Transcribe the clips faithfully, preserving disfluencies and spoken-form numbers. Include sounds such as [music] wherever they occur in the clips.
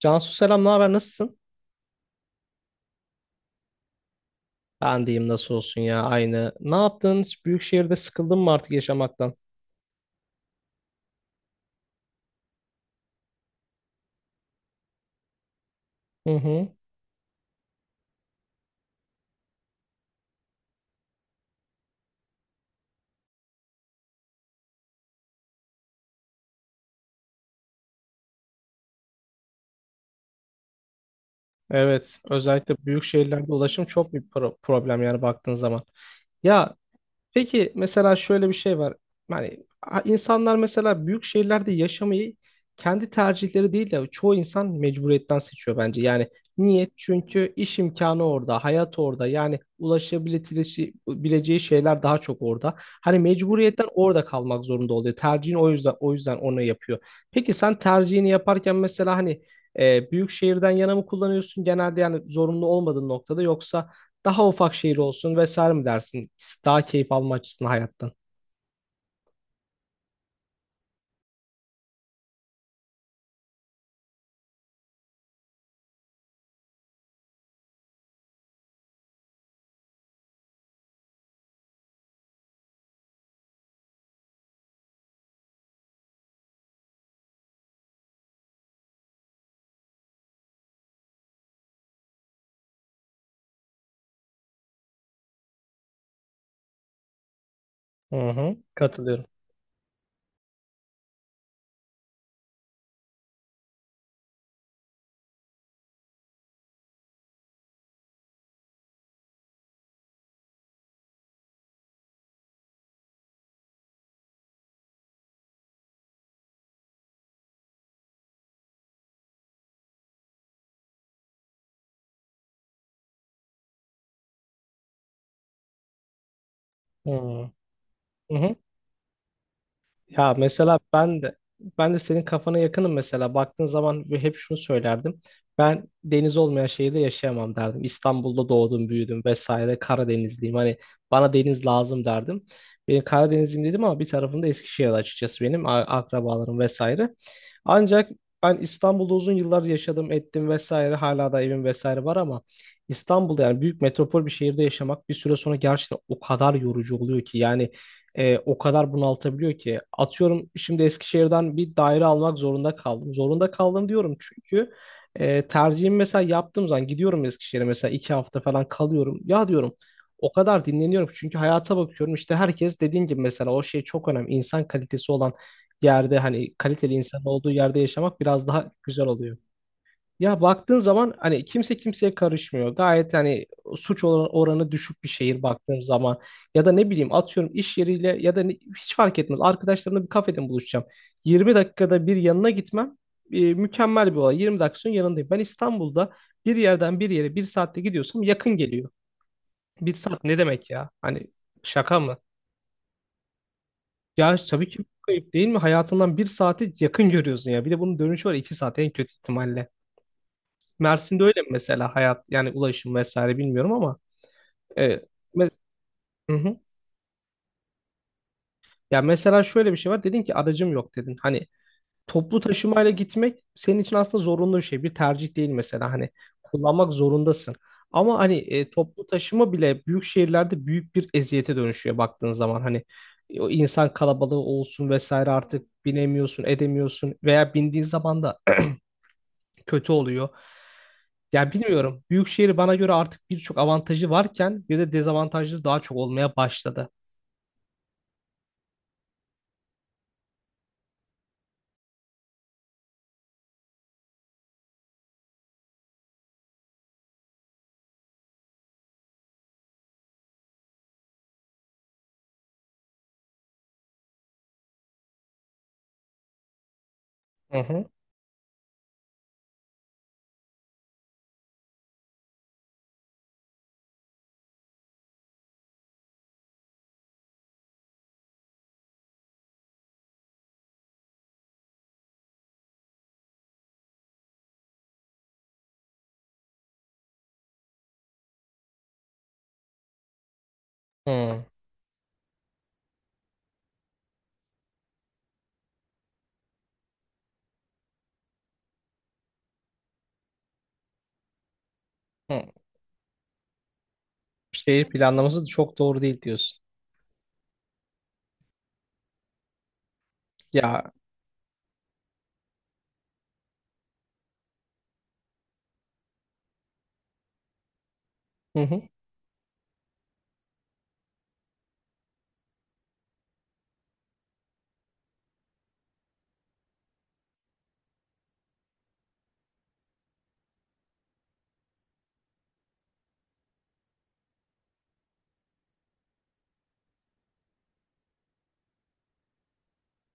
Cansu selam, ne haber? Nasılsın? Ben diyeyim nasıl olsun ya aynı. Ne yaptın? Büyük şehirde sıkıldın mı artık yaşamaktan? Hı hı. Evet, özellikle büyük şehirlerde ulaşım çok bir pro- problem yani baktığın zaman. Ya, peki mesela şöyle bir şey var. Yani a- insanlar mesela büyük şehirlerde yaşamayı kendi tercihleri değil de çoğu insan mecburiyetten seçiyor bence. Yani niye? Çünkü iş imkanı orada, hayat orada. Yani ulaşabileceği bileceği şeyler daha çok orada. Hani mecburiyetten orada kalmak zorunda oluyor. Tercihini o yüzden o yüzden onu yapıyor. Peki sen tercihini yaparken mesela hani e, büyük şehirden yana mı kullanıyorsun genelde yani zorunlu olmadığın noktada yoksa daha ufak şehir olsun vesaire mi dersin? Daha keyif alma açısından hayattan. Hı hı. Katılıyorum. Hı hı. Ya mesela ben de ben de senin kafana yakınım mesela. Baktığın zaman ve hep şunu söylerdim. Ben deniz olmayan şehirde yaşayamam derdim. İstanbul'da doğdum, büyüdüm vesaire. Karadenizliyim. Hani bana deniz lazım derdim. Benim Karadenizliyim dedim ama bir tarafımda Eskişehir açıkçası benim a- akrabalarım vesaire. Ancak ben İstanbul'da uzun yıllar yaşadım, ettim vesaire. Hala da evim vesaire var ama İstanbul'da yani büyük metropol bir şehirde yaşamak bir süre sonra gerçekten o kadar yorucu oluyor ki yani e, o kadar bunaltabiliyor ki. Atıyorum şimdi Eskişehir'den bir daire almak zorunda kaldım. Zorunda kaldım diyorum çünkü e, tercihimi mesela yaptığım zaman gidiyorum Eskişehir'e mesela iki hafta falan kalıyorum. Ya diyorum o kadar dinleniyorum ki çünkü hayata bakıyorum işte herkes dediğin gibi mesela o şey çok önemli. İnsan kalitesi olan yerde hani kaliteli insan olduğu yerde yaşamak biraz daha güzel oluyor. Ya baktığın zaman hani kimse kimseye karışmıyor. Gayet hani suç oran- oranı düşük bir şehir baktığım zaman ya da ne bileyim atıyorum iş yeriyle ya da ne- hiç fark etmez. Arkadaşlarımla bir kafede buluşacağım. yirmi dakikada bir yanına gitmem e, mükemmel bir olay. yirmi dakika sonra yanındayım. Ben İstanbul'da bir yerden bir yere bir saatte gidiyorsam yakın geliyor. Bir saat ne demek ya? Hani şaka mı? Ya tabii ki çok kayıp değil mi? Hayatından bir saati yakın görüyorsun ya. Bir de bunun dönüşü var, iki saat en kötü ihtimalle. Mersin'de öyle mi mesela hayat yani ulaşım vesaire bilmiyorum ama. E, me- hı hı. Ya mesela şöyle bir şey var. Dedin ki aracım yok dedin. Hani toplu taşımayla gitmek senin için aslında zorunlu bir şey. Bir tercih değil mesela hani kullanmak zorundasın. Ama hani e, toplu taşıma bile büyük şehirlerde büyük bir eziyete dönüşüyor baktığın zaman. Hani e, o insan kalabalığı olsun vesaire artık binemiyorsun, edemiyorsun veya bindiğin zaman da kötü oluyor. Ya bilmiyorum. Büyükşehir bana göre artık birçok avantajı varken bir de dezavantajları daha çok olmaya başladı. Hı hı. Hı hı. Şehir planlaması çok doğru değil diyorsun. Ya hı hı.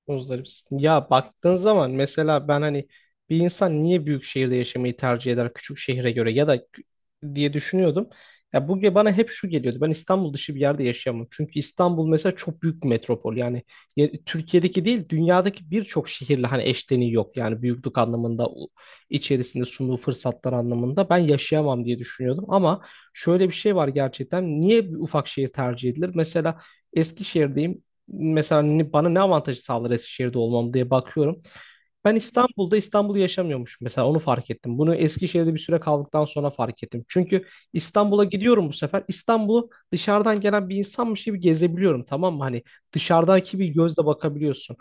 Muzdaripsin. Ya baktığın zaman mesela ben hani bir insan niye büyük şehirde yaşamayı tercih eder küçük şehre göre ya da kü- diye düşünüyordum. Ya bu ge- bana hep şu geliyordu. Ben İstanbul dışı bir yerde yaşayamam. Çünkü İstanbul mesela çok büyük bir metropol. Yani ye- Türkiye'deki değil dünyadaki birçok şehirle hani eşleniği yok. Yani büyüklük anlamında o- içerisinde sunduğu fırsatlar anlamında ben yaşayamam diye düşünüyordum. Ama şöyle bir şey var gerçekten. Niye bir ufak şehir tercih edilir? Mesela Eskişehir'deyim mesela ne- bana ne avantajı sağlar Eskişehir'de olmam diye bakıyorum. Ben İstanbul'da İstanbul'u yaşamıyormuşum mesela onu fark ettim. Bunu Eskişehir'de bir süre kaldıktan sonra fark ettim. Çünkü İstanbul'a gidiyorum bu sefer. İstanbul'u dışarıdan gelen bir insanmış gibi gezebiliyorum, tamam mı? Hani dışarıdaki bir gözle bakabiliyorsun.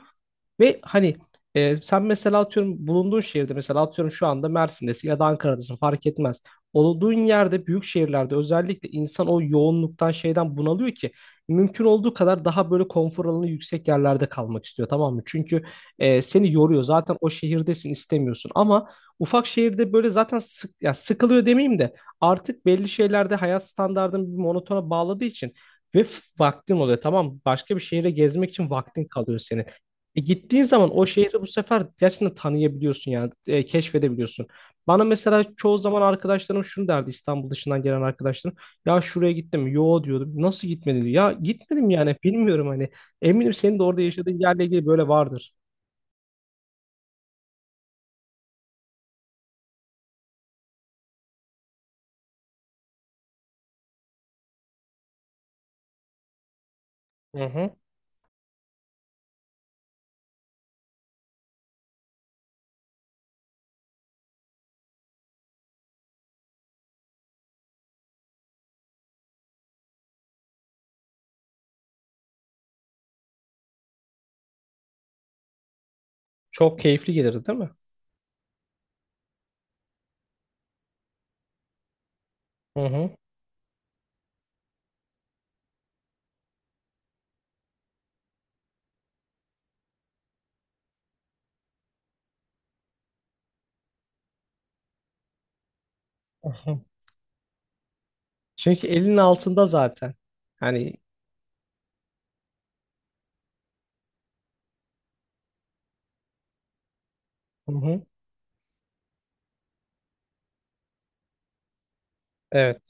Ve hani e, sen mesela atıyorum bulunduğun şehirde mesela atıyorum şu anda Mersin'desin ya da Ankara'dasın fark etmez. Olduğun yerde büyük şehirlerde özellikle insan o yoğunluktan şeyden bunalıyor ki mümkün olduğu kadar daha böyle konfor alanı yüksek yerlerde kalmak istiyor, tamam mı? Çünkü e, seni yoruyor zaten o şehirdesin istemiyorsun ama ufak şehirde böyle zaten sık, ya sıkılıyor demeyeyim de artık belli şeylerde hayat standartını bir monotona bağladığı için ve f- vaktin oluyor, tamam mı? Başka bir şehire gezmek için vaktin kalıyor senin. E gittiğin zaman o şehri bu sefer gerçekten tanıyabiliyorsun yani e, keşfedebiliyorsun. Bana mesela çoğu zaman arkadaşlarım şunu derdi, İstanbul dışından gelen arkadaşlarım. Ya şuraya gittim mi? Yo diyordum. Nasıl gitmedin? Diyor. Ya gitmedim yani bilmiyorum hani. Eminim senin de orada yaşadığın yerle ilgili böyle vardır. Hı hı. Çok keyifli gelir değil mi? Hı hı. Hı hı. Çünkü elinin altında zaten. Hani hı hı. Evet.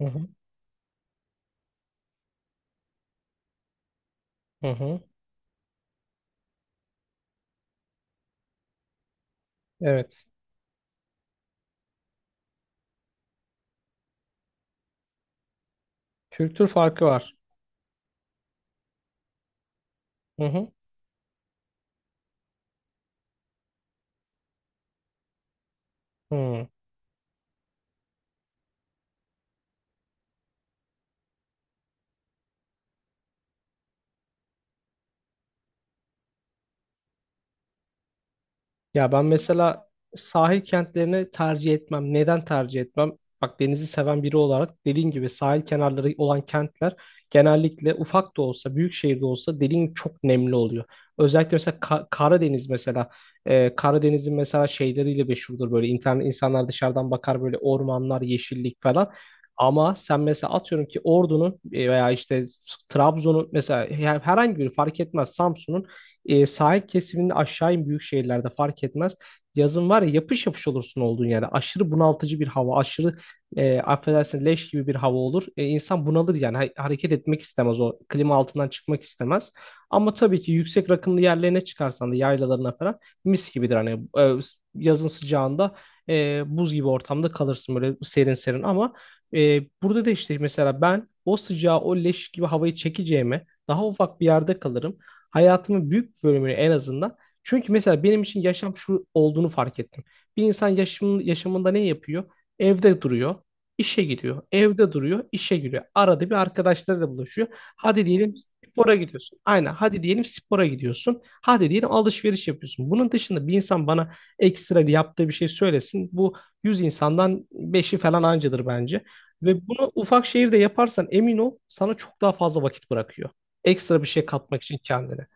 Hı hı. Hı hı. Evet. Kültür farkı var. Hı hı. Hı. Ya ben mesela sahil kentlerini tercih etmem. Neden tercih etmem? Bak, denizi seven biri olarak, dediğin gibi sahil kenarları olan kentler genellikle ufak da olsa, büyük şehirde olsa dediğin gibi çok nemli oluyor. Özellikle mesela Ka- Karadeniz mesela e, Karadeniz'in mesela şeyleriyle meşhurdur böyle internet insanlar dışarıdan bakar böyle ormanlar, yeşillik falan. Ama sen mesela atıyorum ki Ordu'nun e, veya işte Trabzon'un mesela her- herhangi bir fark etmez Samsun'un e, sahil kesiminin aşağı in büyük şehirlerde fark etmez. Yazın var ya yapış yapış olursun olduğun yerde. Aşırı bunaltıcı bir hava, aşırı e, affedersin leş gibi bir hava olur. E, insan bunalır yani ha- hareket etmek istemez, o klima altından çıkmak istemez. Ama tabii ki yüksek rakımlı yerlerine çıkarsan da yaylalarına falan mis gibidir. Hani e, yazın sıcağında e, buz gibi ortamda kalırsın böyle serin serin ama e, burada da işte mesela ben o sıcağı o leş gibi havayı çekeceğime daha ufak bir yerde kalırım. Hayatımın büyük bir bölümünü en azından. Çünkü mesela benim için yaşam şu olduğunu fark ettim. Bir insan yaşamın, yaşamında ne yapıyor? Evde duruyor, işe gidiyor. Evde duruyor, işe gidiyor. Arada bir arkadaşlarıyla buluşuyor. Hadi diyelim spora gidiyorsun. Aynen. Hadi diyelim spora gidiyorsun. Hadi diyelim alışveriş yapıyorsun. Bunun dışında bir insan bana ekstra yaptığı bir şey söylesin. Bu yüz insandan beşi falan ancadır bence. Ve bunu ufak şehirde yaparsan emin ol sana çok daha fazla vakit bırakıyor. Ekstra bir şey katmak için kendine.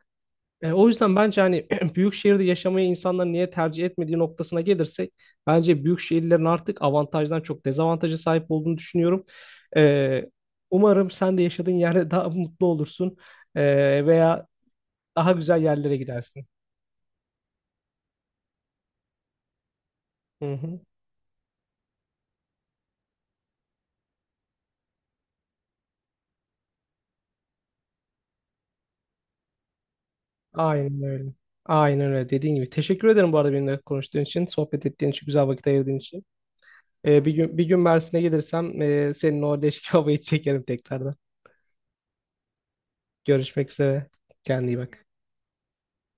E, o yüzden bence hani [clears throat] büyük şehirde yaşamayı insanlar niye tercih etmediği noktasına gelirsek bence büyük şehirlerin artık avantajdan çok dezavantaja sahip olduğunu düşünüyorum. E, umarım sen de yaşadığın yerde daha [laughs] mutlu olursun. E, veya daha güzel yerlere gidersin. Hı hı. Aynen öyle. Aynen öyle dediğin gibi. Teşekkür ederim bu arada benimle konuştuğun için, sohbet ettiğin için, güzel vakit ayırdığın için. E, bir gün bir gün Mersin'e gelirsem e, senin o leş kebabı [laughs] çekerim tekrardan. Görüşmek üzere. Kendine iyi bak.